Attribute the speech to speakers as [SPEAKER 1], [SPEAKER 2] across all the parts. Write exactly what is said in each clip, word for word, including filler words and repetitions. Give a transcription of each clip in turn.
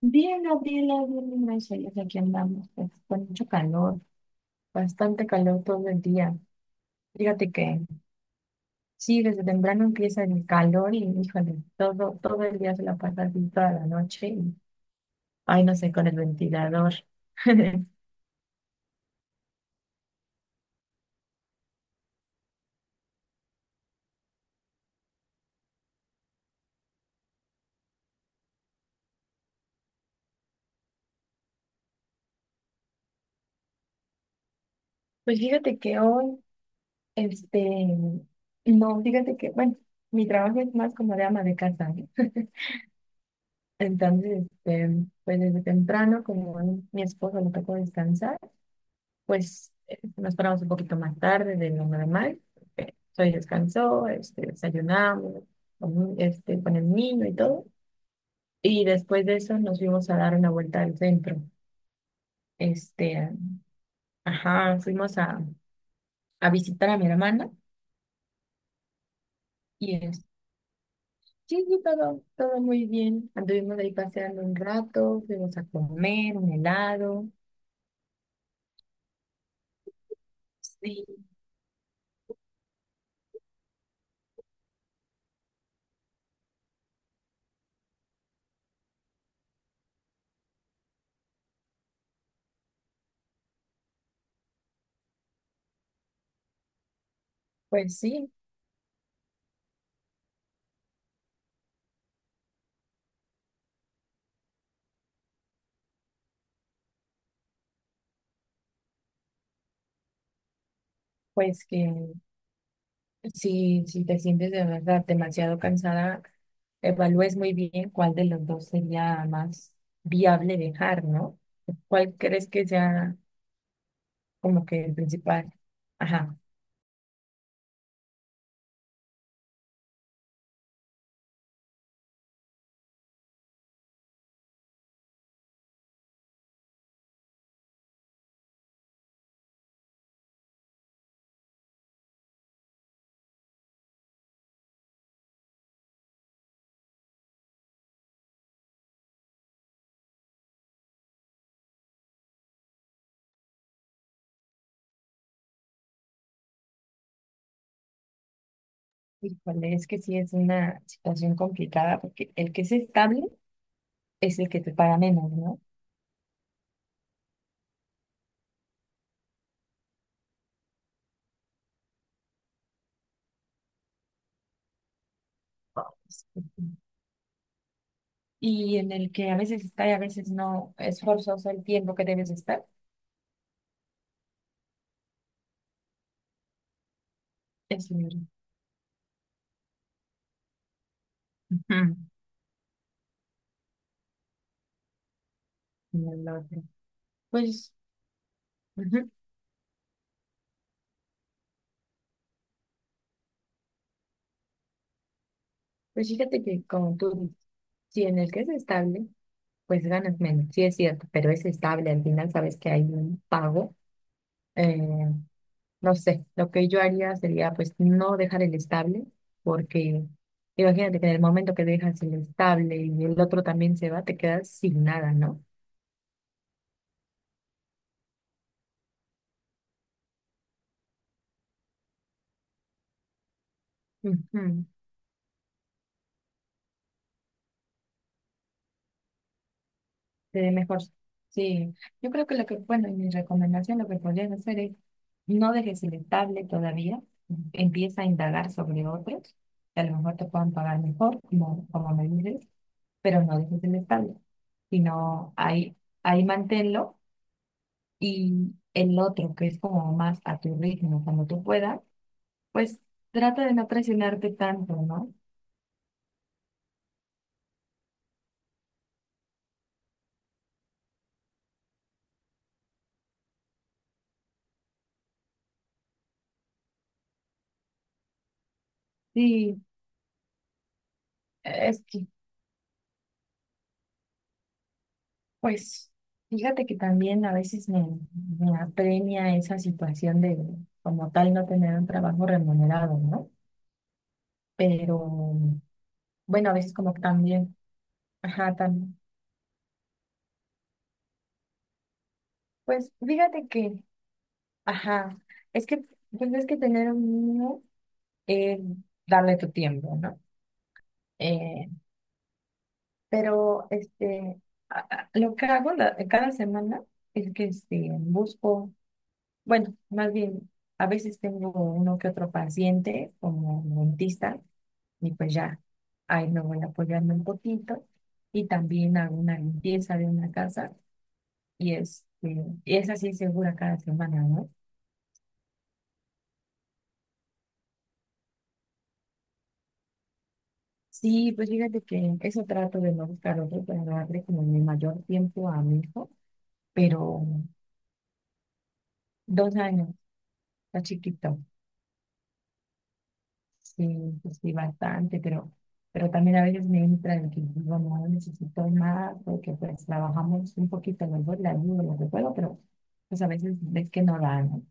[SPEAKER 1] Bien, Gabriela, bien, gracias. ya Aquí andamos, pues, con mucho calor, bastante calor todo el día. Fíjate que sí, desde temprano empieza el calor y, híjole, todo, todo el día se la pasa así toda la noche y, ay, no sé, con el ventilador. Pues fíjate que hoy, este, no, fíjate que, bueno, mi trabajo es más como de ama de casa, ¿no? Entonces, este, pues desde temprano, como a mi esposo le tocó descansar, pues eh, nos paramos un poquito más tarde de lo normal. eh, Soy descansó, este, desayunamos con, este, con el niño y todo. Y después de eso nos fuimos a dar una vuelta al centro. Este, ajá, fuimos a, a visitar a mi hermana y es, sí, sí, todo, todo muy bien. Anduvimos ahí paseando un rato, fuimos a comer un helado. Sí, pues sí, pues que si, si te sientes de verdad demasiado cansada, evalúes muy bien cuál de los dos sería más viable dejar, ¿no? ¿Cuál crees que sea como que el principal? Ajá. ¿Y cuál Es que sí es una situación complicada, porque el que es estable es el que te paga menos, ¿no? Es- Y en el que a veces está y a veces no, ¿es forzoso el tiempo que debes estar, es libre? Ujú. Y el otro. Pues, ujú. Pues fíjate que como tú dices, si en el que es estable, pues ganas menos. Sí, es cierto, pero es estable. Al final sabes que hay un pago. Eh, no sé, lo que yo haría sería pues no dejar el estable, porque imagínate que en el momento que dejas el estable y el otro también se va, te quedas sin nada, ¿no? Ujú. Se ve mejor. Sí, yo creo que lo que, bueno, y mi recomendación, lo que podrías hacer es no dejes el estable todavía, empieza a indagar sobre otros, que a lo mejor te puedan pagar mejor, como, como me dices, pero no dejes el estable, sino ahí, ahí manténlo y el otro, que es como más a tu ritmo, cuando tú puedas, pues trata de no presionarte tanto, ¿no? Sí, es que pues fíjate que también a veces me, me apremia esa situación de como tal no tener un trabajo remunerado, ¿no? Pero bueno, a veces como que también, ajá, también. Pues fíjate que, ajá, es que pues es que tener uno es darle tu tiempo, ¿no? Eh, pero este, a- a- lo que hago la- cada semana es que este, busco bueno, más bien, a veces tengo uno que otro paciente como dentista y pues ya ahí me voy apoyando un poquito y también hago una limpieza de una casa y es, es así segura cada semana, ¿no? Sí, pues fíjate que eso trato de no buscar otro para darle como mi mayor tiempo a mi hijo, pero dos años, está chiquito. Sí, pues sí, bastante, pero, pero también a veces me entra de que digo, no necesito más, porque pues trabajamos un poquito, luego la ayuda, lo que puedo, pero pues a veces ves que no dan, ¿no?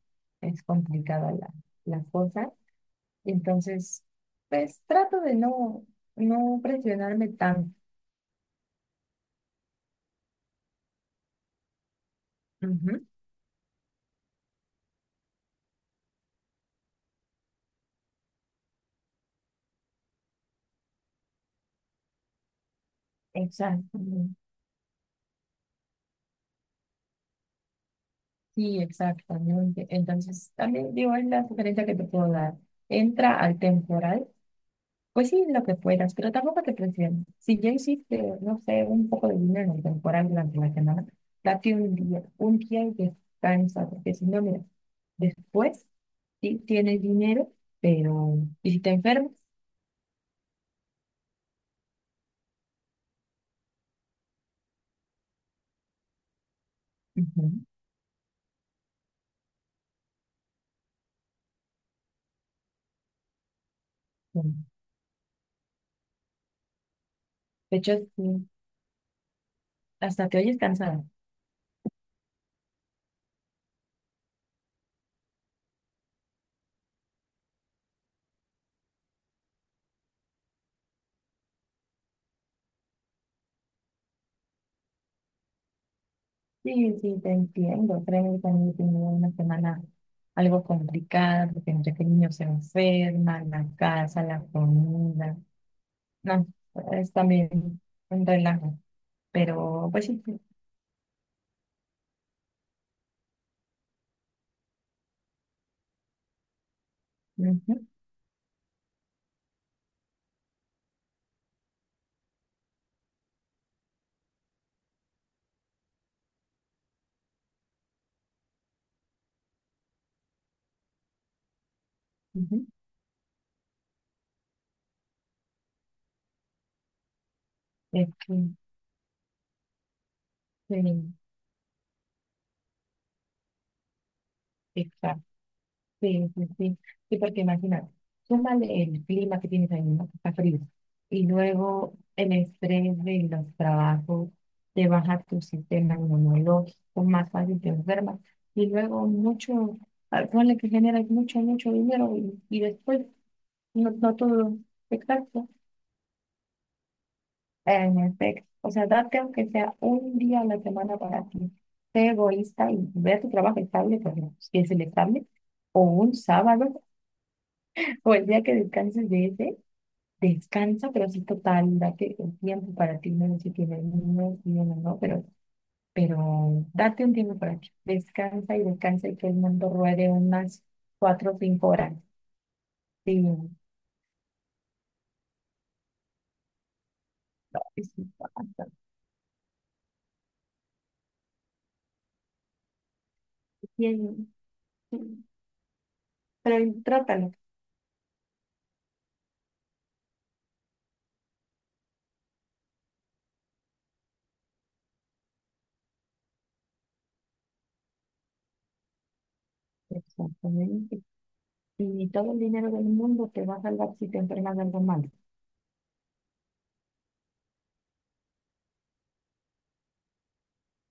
[SPEAKER 1] Es complicada la, la cosa, entonces pues trato de no, no presionarme tanto. Ujú, exacto, ¿no? Sí, exactamente. Entonces también digo, es la sugerencia que te puedo dar, entra al temporal. Pues sí, lo que puedas, pero tampoco te presiones. Si ya hiciste, no sé, un poco de dinero temporal durante la semana, date un día, un día y descansa, porque si no, mira, después sí tienes dinero, pero ¿y si te enfermas? Ujú, sí. De hecho, sí, hasta te oyes cansada. Sí, sí, te entiendo. Créeme, que también he tenido una semana algo complicada, porque entre que el niño se enferma, la casa, la comida, no, es también un relajo. Pero, pues sí, sí, ujú, ujú, es que, sí, exacto, sí, sí, sí, sí, porque imagínate, súmale el clima que tienes ahí, ¿no? Que está frío, y luego el estrés de los trabajos, te baja tu sistema inmunológico, más fácil te enfermas, y luego mucho, ah, ponle que generas mucho, mucho dinero, y, y después, no, no todo, exacto. En efecto, o sea, date aunque sea un día a la semana para ti. Sé egoísta y ve a tu trabajo estable, por ejemplo, si es el estable, o un sábado, o el día que descanses de ese, descansa, pero sí total, date un tiempo para ti, no sé si tienes niños, niños, no, no, pero, pero date un tiempo para ti. Descansa y descansa y que el mundo ruede unas cuatro o cinco horas. Sí, no, es bastante bien. Sí, pero trátalo. Exactamente. Y todo el dinero del mundo te va a salvar si te entregas algo mal.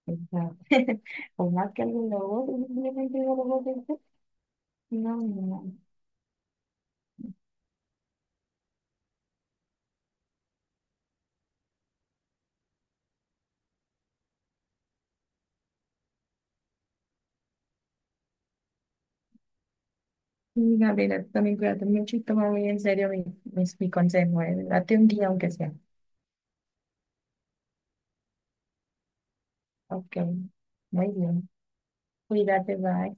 [SPEAKER 1] O sea, por más que algo lo goce, simplemente no lo goce hacer. No, no, no. Y, Gabriela, tú también cuídate mucho y toma muy en serio mi, mis- mi consejo. eh. Date un día aunque sea. Ok, muy bien. Cuídate, bye.